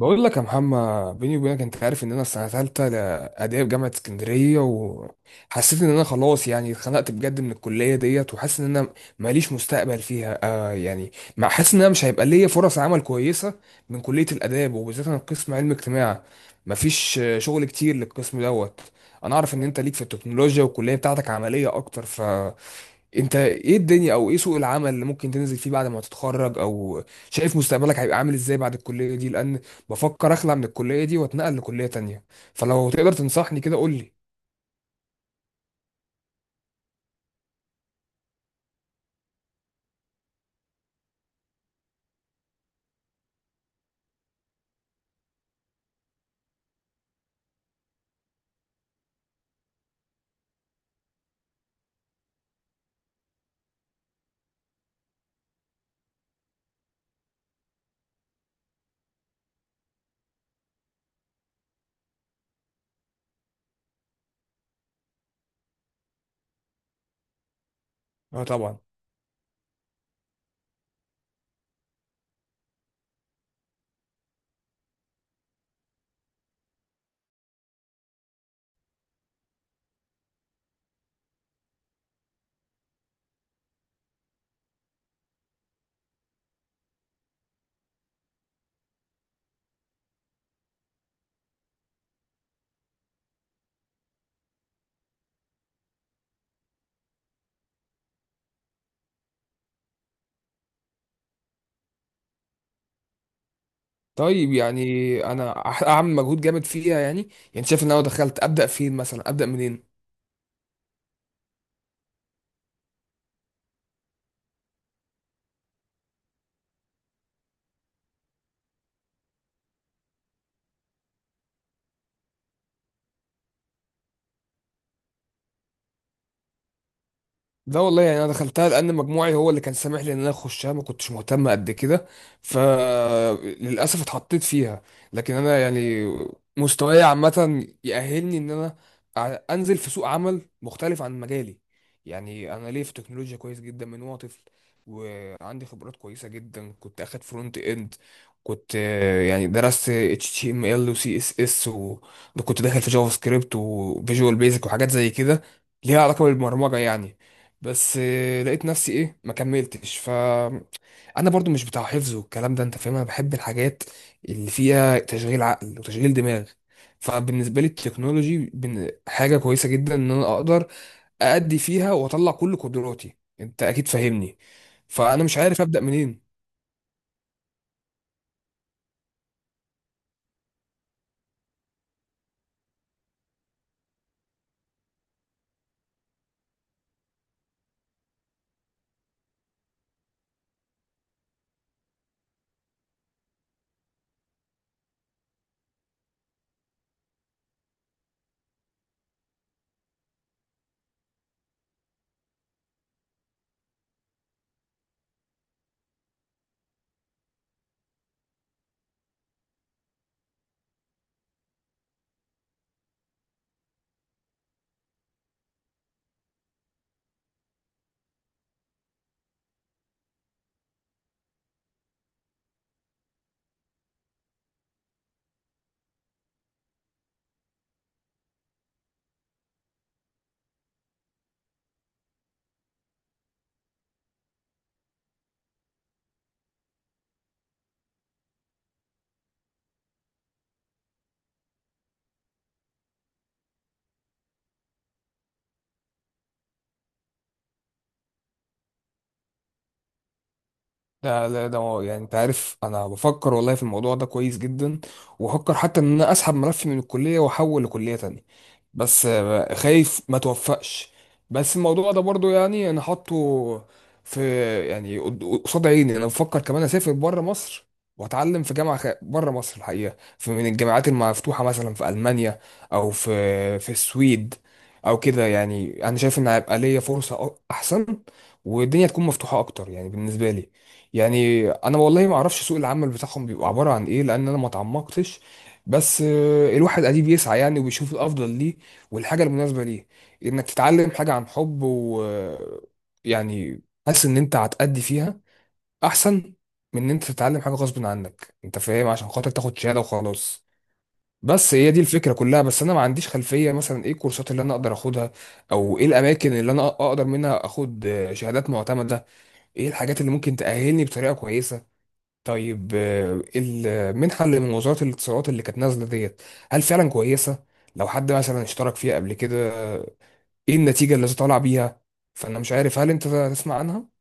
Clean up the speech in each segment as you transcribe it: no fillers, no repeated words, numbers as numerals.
بقول لك يا محمد، بيني وبينك انت عارف ان انا السنه ثالثه اداب جامعه اسكندريه، وحسيت ان انا خلاص، يعني اتخنقت بجد من الكليه ديت، وحاسس ان انا ماليش مستقبل فيها، آه يعني. حاسس ان انا مش هيبقى ليا فرص عمل كويسه من كليه الاداب، وبالذات انا قسم علم اجتماع. مفيش، شغل كتير للقسم دوت. انا اعرف ان انت ليك في التكنولوجيا، والكليه بتاعتك عمليه اكتر. انت ايه الدنيا، او ايه سوق العمل اللي ممكن تنزل فيه بعد ما تتخرج؟ او شايف مستقبلك هيبقى عامل ازاي بعد الكلية دي؟ لان بفكر اخلع من الكلية دي واتنقل لكلية تانية، فلو تقدر تنصحني كده قول لي. اه طبعا. طيب يعني انا هعمل مجهود جامد فيها يعني. يعني شايف ان انا لو دخلت ابدا فين؟ مثلا ابدا منين؟ ده والله يعني انا دخلتها لان مجموعي هو اللي كان سامح لي ان انا اخشها، ما كنتش مهتم قد كده، فللاسف اتحطيت فيها. لكن انا يعني مستواي عامه يأهلني ان انا انزل في سوق عمل مختلف عن مجالي. يعني انا ليه في تكنولوجيا كويس جدا من وانا طفل، وعندي خبرات كويسه جدا. كنت اخد فرونت اند، كنت، يعني درست اتش تي ام ال وسي اس اس، وكنت داخل في جافا سكريبت وفيجوال بيزك وحاجات زي كده ليها علاقه بالبرمجه يعني. بس، لقيت نفسي ايه، ما كملتش. ف انا برضو مش بتاع حفظ والكلام ده انت فاهم. انا بحب الحاجات اللي فيها تشغيل عقل وتشغيل دماغ. فبالنسبه لي التكنولوجي حاجه كويسه جدا ان انا اقدر ادي فيها واطلع كل قدراتي، انت اكيد فاهمني. فانا مش عارف ابدا منين. ده يعني انت عارف انا بفكر والله في الموضوع ده كويس جدا، وبفكر حتى ان انا اسحب ملفي من الكليه واحول لكليه تانية. بس، خايف ما توفقش. بس الموضوع ده برضو يعني انا حاطه في، يعني قصاد عيني. انا بفكر كمان اسافر بره مصر واتعلم في جامعه بره مصر. الحقيقه في من الجامعات المفتوحه مثلا في المانيا، او في السويد، او كده. يعني انا شايف ان هيبقى ليا فرصه احسن والدنيا تكون مفتوحه اكتر، يعني بالنسبه لي. يعني انا والله ما اعرفش سوق العمل بتاعهم بيبقى عباره عن ايه، لان انا ما اتعمقتش. بس، الواحد اديه بيسعى يعني، وبيشوف الافضل ليه والحاجه المناسبه ليه. انك تتعلم حاجه عن حب و يعني حاسس ان انت هتأدي فيها احسن من ان انت تتعلم حاجه غصب عنك، انت فاهم، عشان خاطر تاخد شهاده وخلاص. بس هي دي الفكره كلها. بس انا ما عنديش خلفيه مثلا ايه الكورسات اللي انا اقدر اخدها، او ايه الاماكن اللي انا اقدر منها اخد، شهادات معتمده، ايه الحاجات اللي ممكن تأهلني بطريقه كويسه. طيب، المنحة اللي من وزارة الاتصالات اللي كانت نازلة ديت، هل فعلا كويسة؟ لو حد مثلا اشترك فيها قبل كده، آه، ايه النتيجة اللي طالع بيها؟ فأنا مش عارف، هل أنت تسمع عنها؟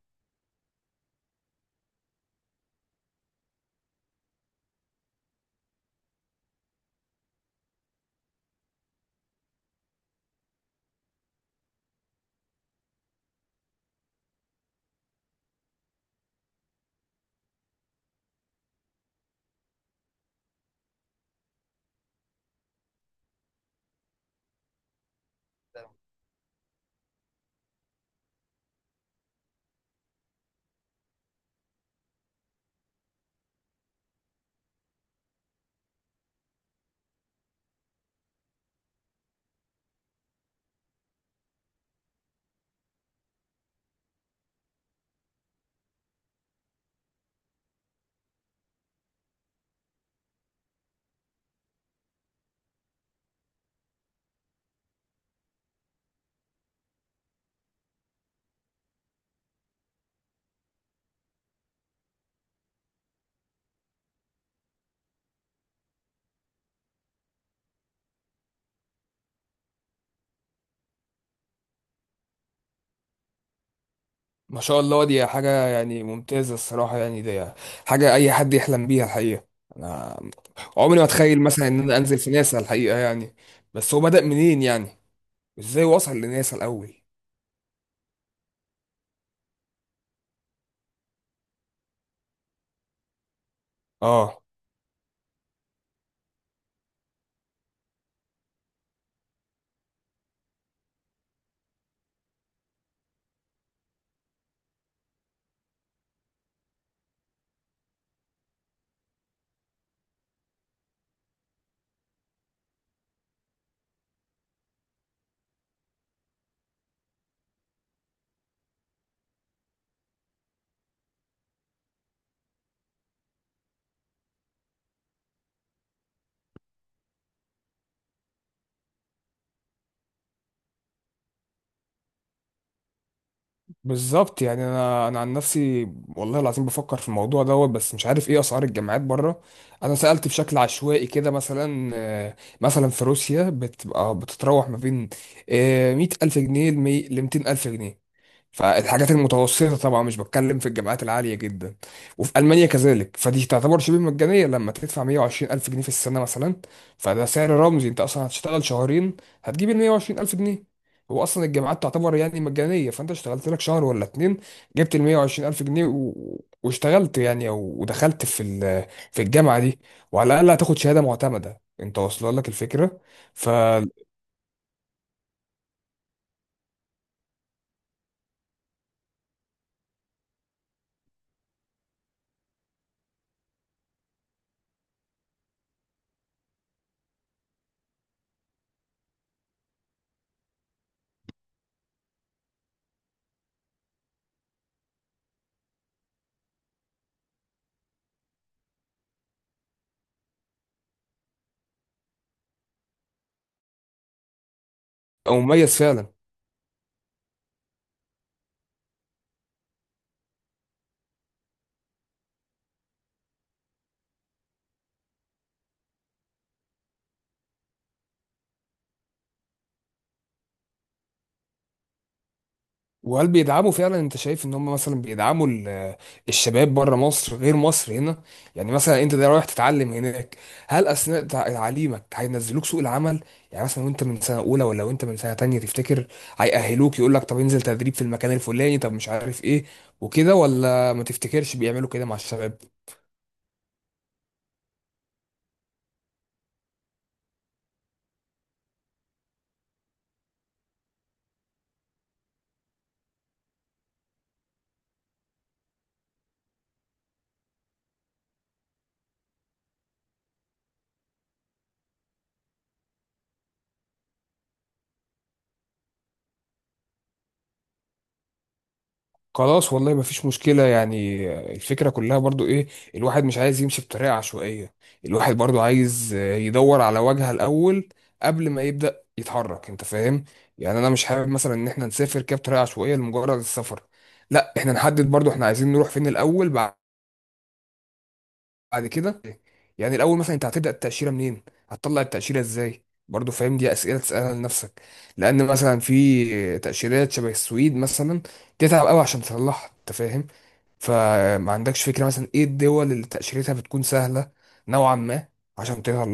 ما شاء الله، دي حاجة يعني ممتازة الصراحة. يعني دي حاجة أي حد يحلم بيها الحقيقة. أنا عمري ما أتخيل مثلا إن أنا أنزل في ناسا الحقيقة يعني. بس هو بدأ منين يعني؟ إزاي وصل لناسا الأول؟ آه. بالظبط. يعني انا عن نفسي والله العظيم بفكر في الموضوع دوت، بس مش عارف ايه اسعار الجامعات بره. انا سالت بشكل عشوائي كده، مثلا، مثلا في روسيا بتبقى بتتراوح ما بين، 100,000 جنيه ل 200,000 جنيه، فالحاجات المتوسطة طبعا، مش بتكلم في الجامعات العالية جدا. وفي ألمانيا كذلك، فدي تعتبر شبه مجانية لما تدفع 120 ألف جنيه في السنة مثلا. فده سعر رمزي، أنت أصلا هتشتغل شهرين هتجيب ال 120 ألف جنيه. هو أصلا الجامعات تعتبر يعني مجانية، فأنت اشتغلت لك شهر ولا اتنين جبت ال 120 ألف جنيه واشتغلت يعني، أو ودخلت في في الجامعة دي، وعلى الأقل هتاخد شهادة معتمدة. أنت واصلة لك الفكرة. ف أو مميز فعلا. وهل بيدعموا فعلا؟ انت شايف ان هم مثلا بيدعموا الشباب بره مصر غير مصر هنا؟ يعني مثلا انت ده رايح تتعلم هناك، هل اثناء تعليمك هينزلوك سوق العمل؟ يعني مثلا وانت من سنه اولى ولا وانت من سنه تانية، تفتكر هيأهلوك يقول لك طب انزل تدريب في المكان الفلاني، طب مش عارف ايه وكده، ولا ما تفتكرش بيعملوا كده مع الشباب؟ خلاص، والله مفيش مشكلة يعني. الفكرة كلها برضو ايه، الواحد مش عايز يمشي بطريقة عشوائية. الواحد برضو عايز، يدور على واجهة الأول قبل ما يبدأ يتحرك، انت فاهم. يعني انا مش حابب مثلا ان احنا نسافر كده بطريقة عشوائية لمجرد السفر، لا احنا نحدد برضو احنا عايزين نروح فين الأول بعد كده. يعني الأول مثلا انت هتبدأ التأشيرة منين؟ هتطلع التأشيرة ازاي؟ برضو فاهم، دي أسئلة تسألها لنفسك. لأن مثلا في تأشيرات شبه السويد مثلا تتعب قوي عشان تطلعها، انت فاهم. فما عندكش فكرة مثلا ايه الدول اللي تأشيرتها بتكون سهلة نوعا ما عشان تطلعها؟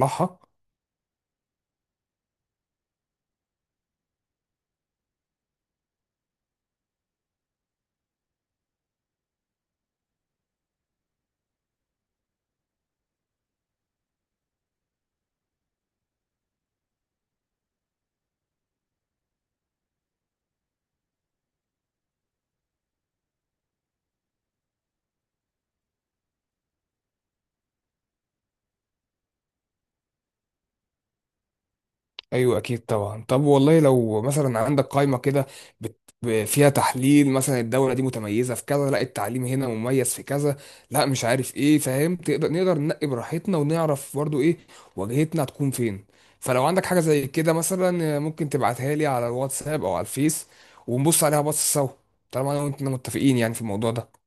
ايوه اكيد طبعا. طب والله لو مثلا عندك قائمة كده فيها تحليل، مثلا الدولة دي متميزة في كذا، لا التعليم هنا مميز في كذا، لا مش عارف ايه، فاهم؟ تقدر نقدر ننقي براحتنا ونعرف برضو ايه واجهتنا هتكون فين. فلو عندك حاجة زي كده مثلا، ممكن تبعتها لي على الواتساب او على الفيس ونبص عليها بص سوا، طالما انا وانت متفقين يعني في الموضوع ده.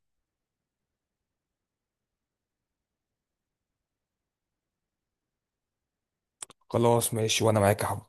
خلاص ماشي، وانا معاك يا حب.